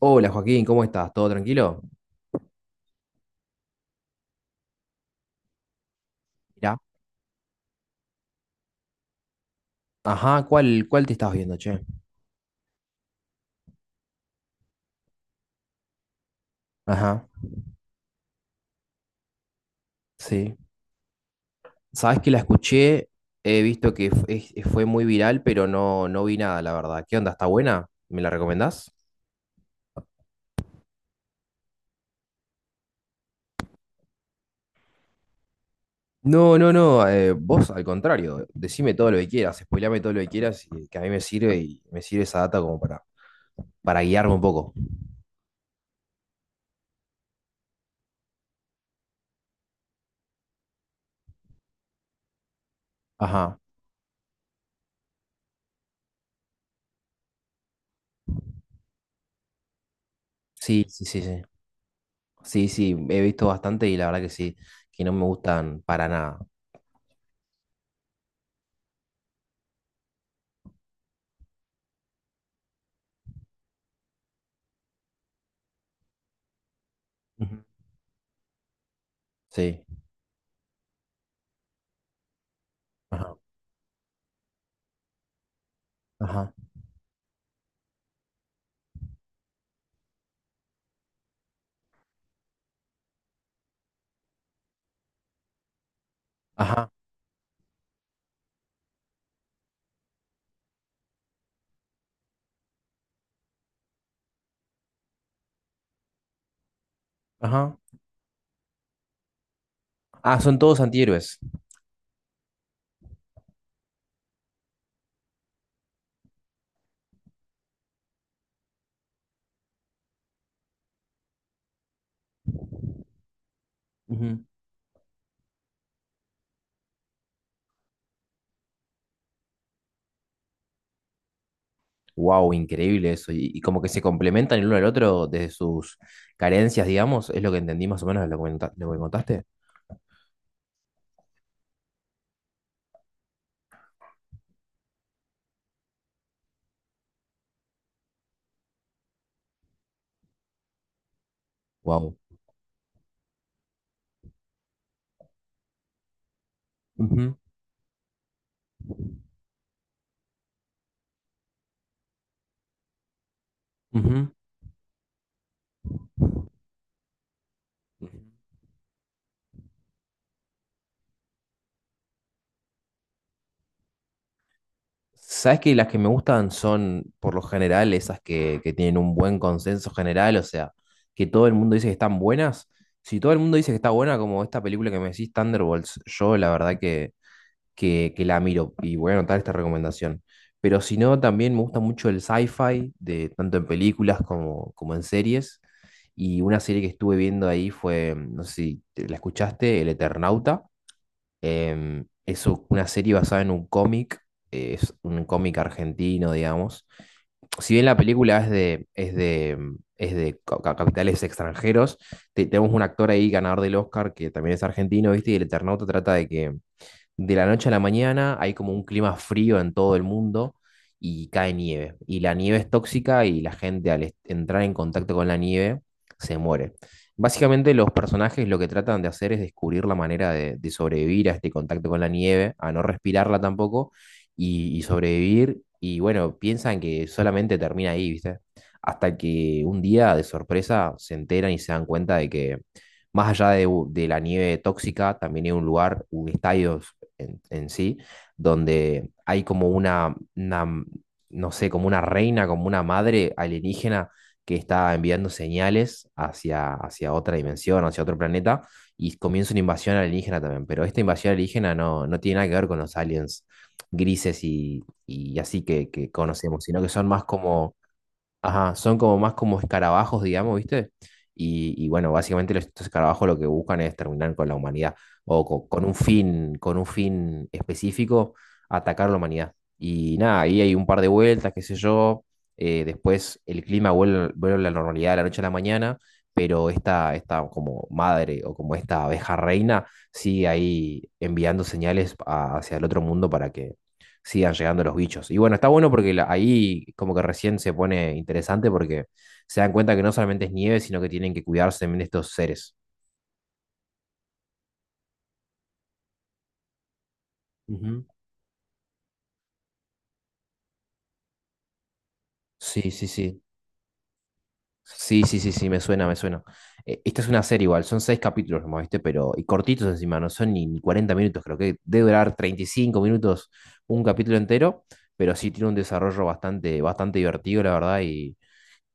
Hola Joaquín, ¿cómo estás? ¿Todo tranquilo? Mirá. Ajá, ¿cuál te estás viendo, che? Ajá, sí. Sabes que la escuché, he visto que fue muy viral, pero no, no vi nada, la verdad. ¿Qué onda? ¿Está buena? ¿Me la recomendás? No, no, no, vos al contrario, decime todo lo que quieras, spoilame todo lo que quieras, y que a mí me sirve y me sirve esa data como para guiarme un poco. Ajá, sí, sí, sí, sí. Sí, sí, he visto bastante y la verdad que sí, que no me gustan para nada. Ujú. Sí, ajá, ajá. Ajá. Ajá. Ah, son todos antihéroes. Wow, increíble eso. Y como que se complementan el uno al otro desde sus carencias, digamos, es lo que entendí más o menos de lo que, lo que me contaste. Wow. ¿Sabes que las que me gustan son, por lo general, esas que tienen un buen consenso general? O sea, que todo el mundo dice que están buenas. Si todo el mundo dice que está buena, como esta película que me decís, Thunderbolts, yo la verdad que la miro y voy a anotar esta recomendación. Pero si no, también me gusta mucho el sci-fi, tanto en películas como en series. Y una serie que estuve viendo ahí fue, no sé si la escuchaste, El Eternauta. Es una serie basada en un cómic, es un cómic argentino, digamos. Si bien la película es de capitales extranjeros, tenemos un actor ahí ganador del Oscar que también es argentino, ¿viste? Y El Eternauta trata de que de la noche a la mañana hay como un clima frío en todo el mundo y cae nieve. Y la nieve es tóxica y la gente al entrar en contacto con la nieve se muere. Básicamente los personajes lo que tratan de hacer es descubrir la manera de sobrevivir a este contacto con la nieve, a no respirarla tampoco y sobrevivir. Y bueno, piensan que solamente termina ahí, ¿viste? Hasta que un día de sorpresa se enteran y se dan cuenta de que más allá de la nieve tóxica, también hay un lugar, un estadio en sí, donde hay como una, no sé, como una reina, como una madre alienígena que está enviando señales hacia otra dimensión, hacia otro planeta, y comienza una invasión alienígena también. Pero esta invasión alienígena no, no tiene nada que ver con los aliens grises y así que conocemos, sino que son más como. Ajá, son como más como escarabajos, digamos, ¿viste? Y bueno, básicamente estos escarabajos lo que buscan es terminar con la humanidad o con un fin específico, atacar la humanidad. Y nada, ahí hay un par de vueltas, qué sé yo. Después el clima vuelve a la normalidad de la noche a la mañana, pero esta como madre o como esta abeja reina sigue ahí enviando señales hacia el otro mundo para que sigan llegando los bichos. Y bueno, está bueno porque ahí como que recién se pone interesante porque se dan cuenta que no solamente es nieve, sino que tienen que cuidarse también de estos seres. Ujú. Sí, sí, sí. Sí, sí, sí, sí, me suena, me suena. Esta es una serie igual, son seis capítulos nomás, ¿viste? Pero, y cortitos encima, no son ni 40 minutos, creo que debe durar 35 minutos un capítulo entero, pero sí tiene un desarrollo bastante, bastante divertido, la verdad, y,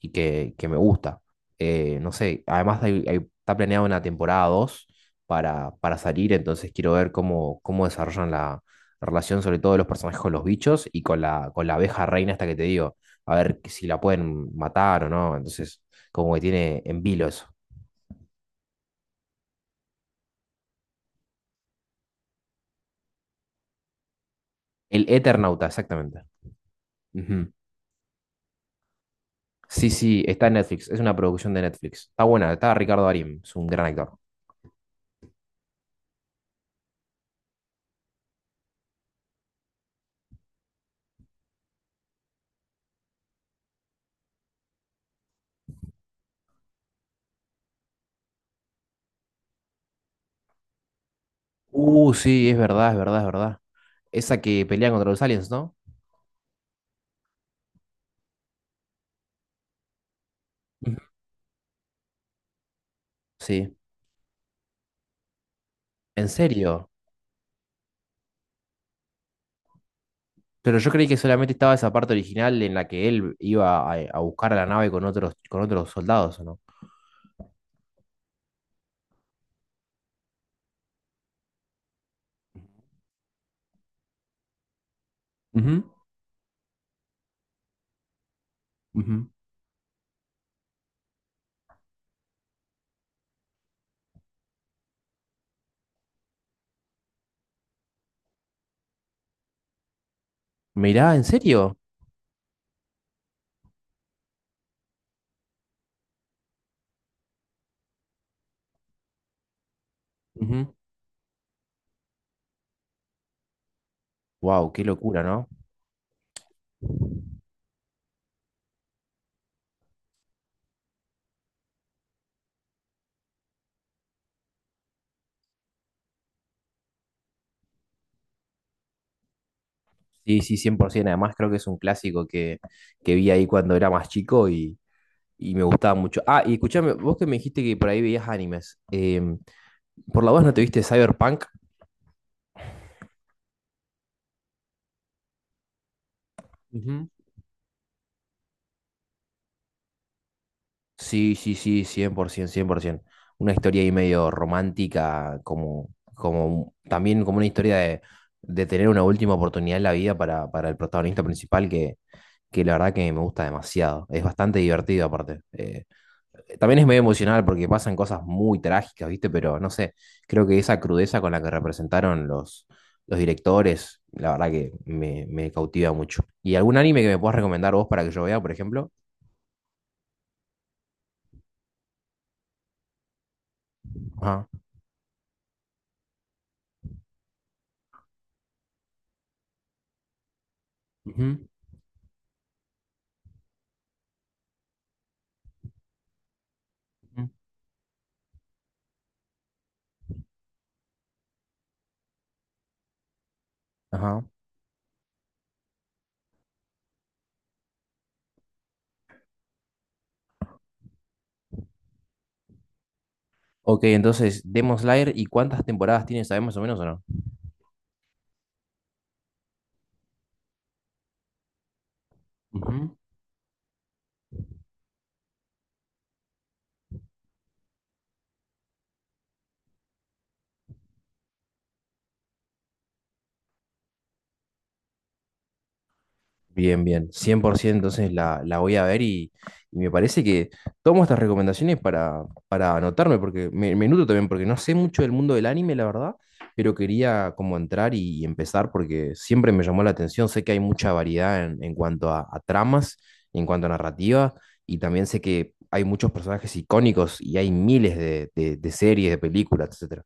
y que me gusta. No sé, además está planeada una temporada 2 para salir, entonces quiero ver cómo desarrollan la relación, sobre todo de los personajes con los bichos y con la abeja reina esta que te digo, a ver que si la pueden matar o no, entonces como que tiene en vilo eso. El Eternauta, exactamente. Ujú. Sí, sí, está en Netflix, es una producción de Netflix. Está buena, está Ricardo Darín, es un gran actor. Sí, es verdad, es verdad, es verdad. Esa que pelea contra los aliens, ¿no? Ujú. Sí. ¿En serio? Pero yo creí que solamente estaba esa parte original en la que él iba a buscar a la nave con otros soldados, ¿o no? Ujú, ujú. Mirá, ¿en serio? Ujú. Wow, qué locura, ¿no? Sí, sí, 100%. Además, creo que es un clásico que vi ahí cuando era más chico y me gustaba mucho. Ah, y escuchame, vos que me dijiste que por ahí veías animes. ¿Por la voz no te viste Cyberpunk? Ujú. Sí, sí, sí, cien por ciento, cien por 100%. Una historia ahí medio romántica, como también como una historia de tener una última oportunidad en la vida para el protagonista principal, que la verdad que me gusta demasiado. Es bastante divertido aparte. También es medio emocional porque pasan cosas muy trágicas, ¿viste? Pero no sé, creo que esa crudeza con la que representaron los directores, la verdad que me cautiva mucho. ¿Y algún anime que me puedas recomendar vos para que yo vea, por ejemplo? Ajá. Ujú. Ujú. Ajá. Ok, entonces, Demon Slayer, ¿y cuántas temporadas tiene? ¿Sabes más o menos o no? Ujú. Bien, bien, 100%. Entonces la voy a ver y me parece que tomo estas recomendaciones para anotarme, porque me nutro también, porque no sé mucho del mundo del anime, la verdad, pero quería como entrar y empezar porque siempre me llamó la atención, sé que hay mucha variedad en cuanto a tramas, en cuanto a narrativa, y también sé que hay muchos personajes icónicos y hay miles de series, de películas, etcétera.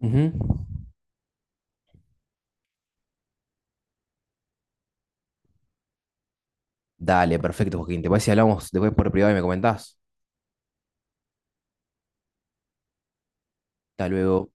Ujú. Dale, perfecto, Joaquín. ¿Te parece si hablamos después por privado y me comentás? Hasta luego.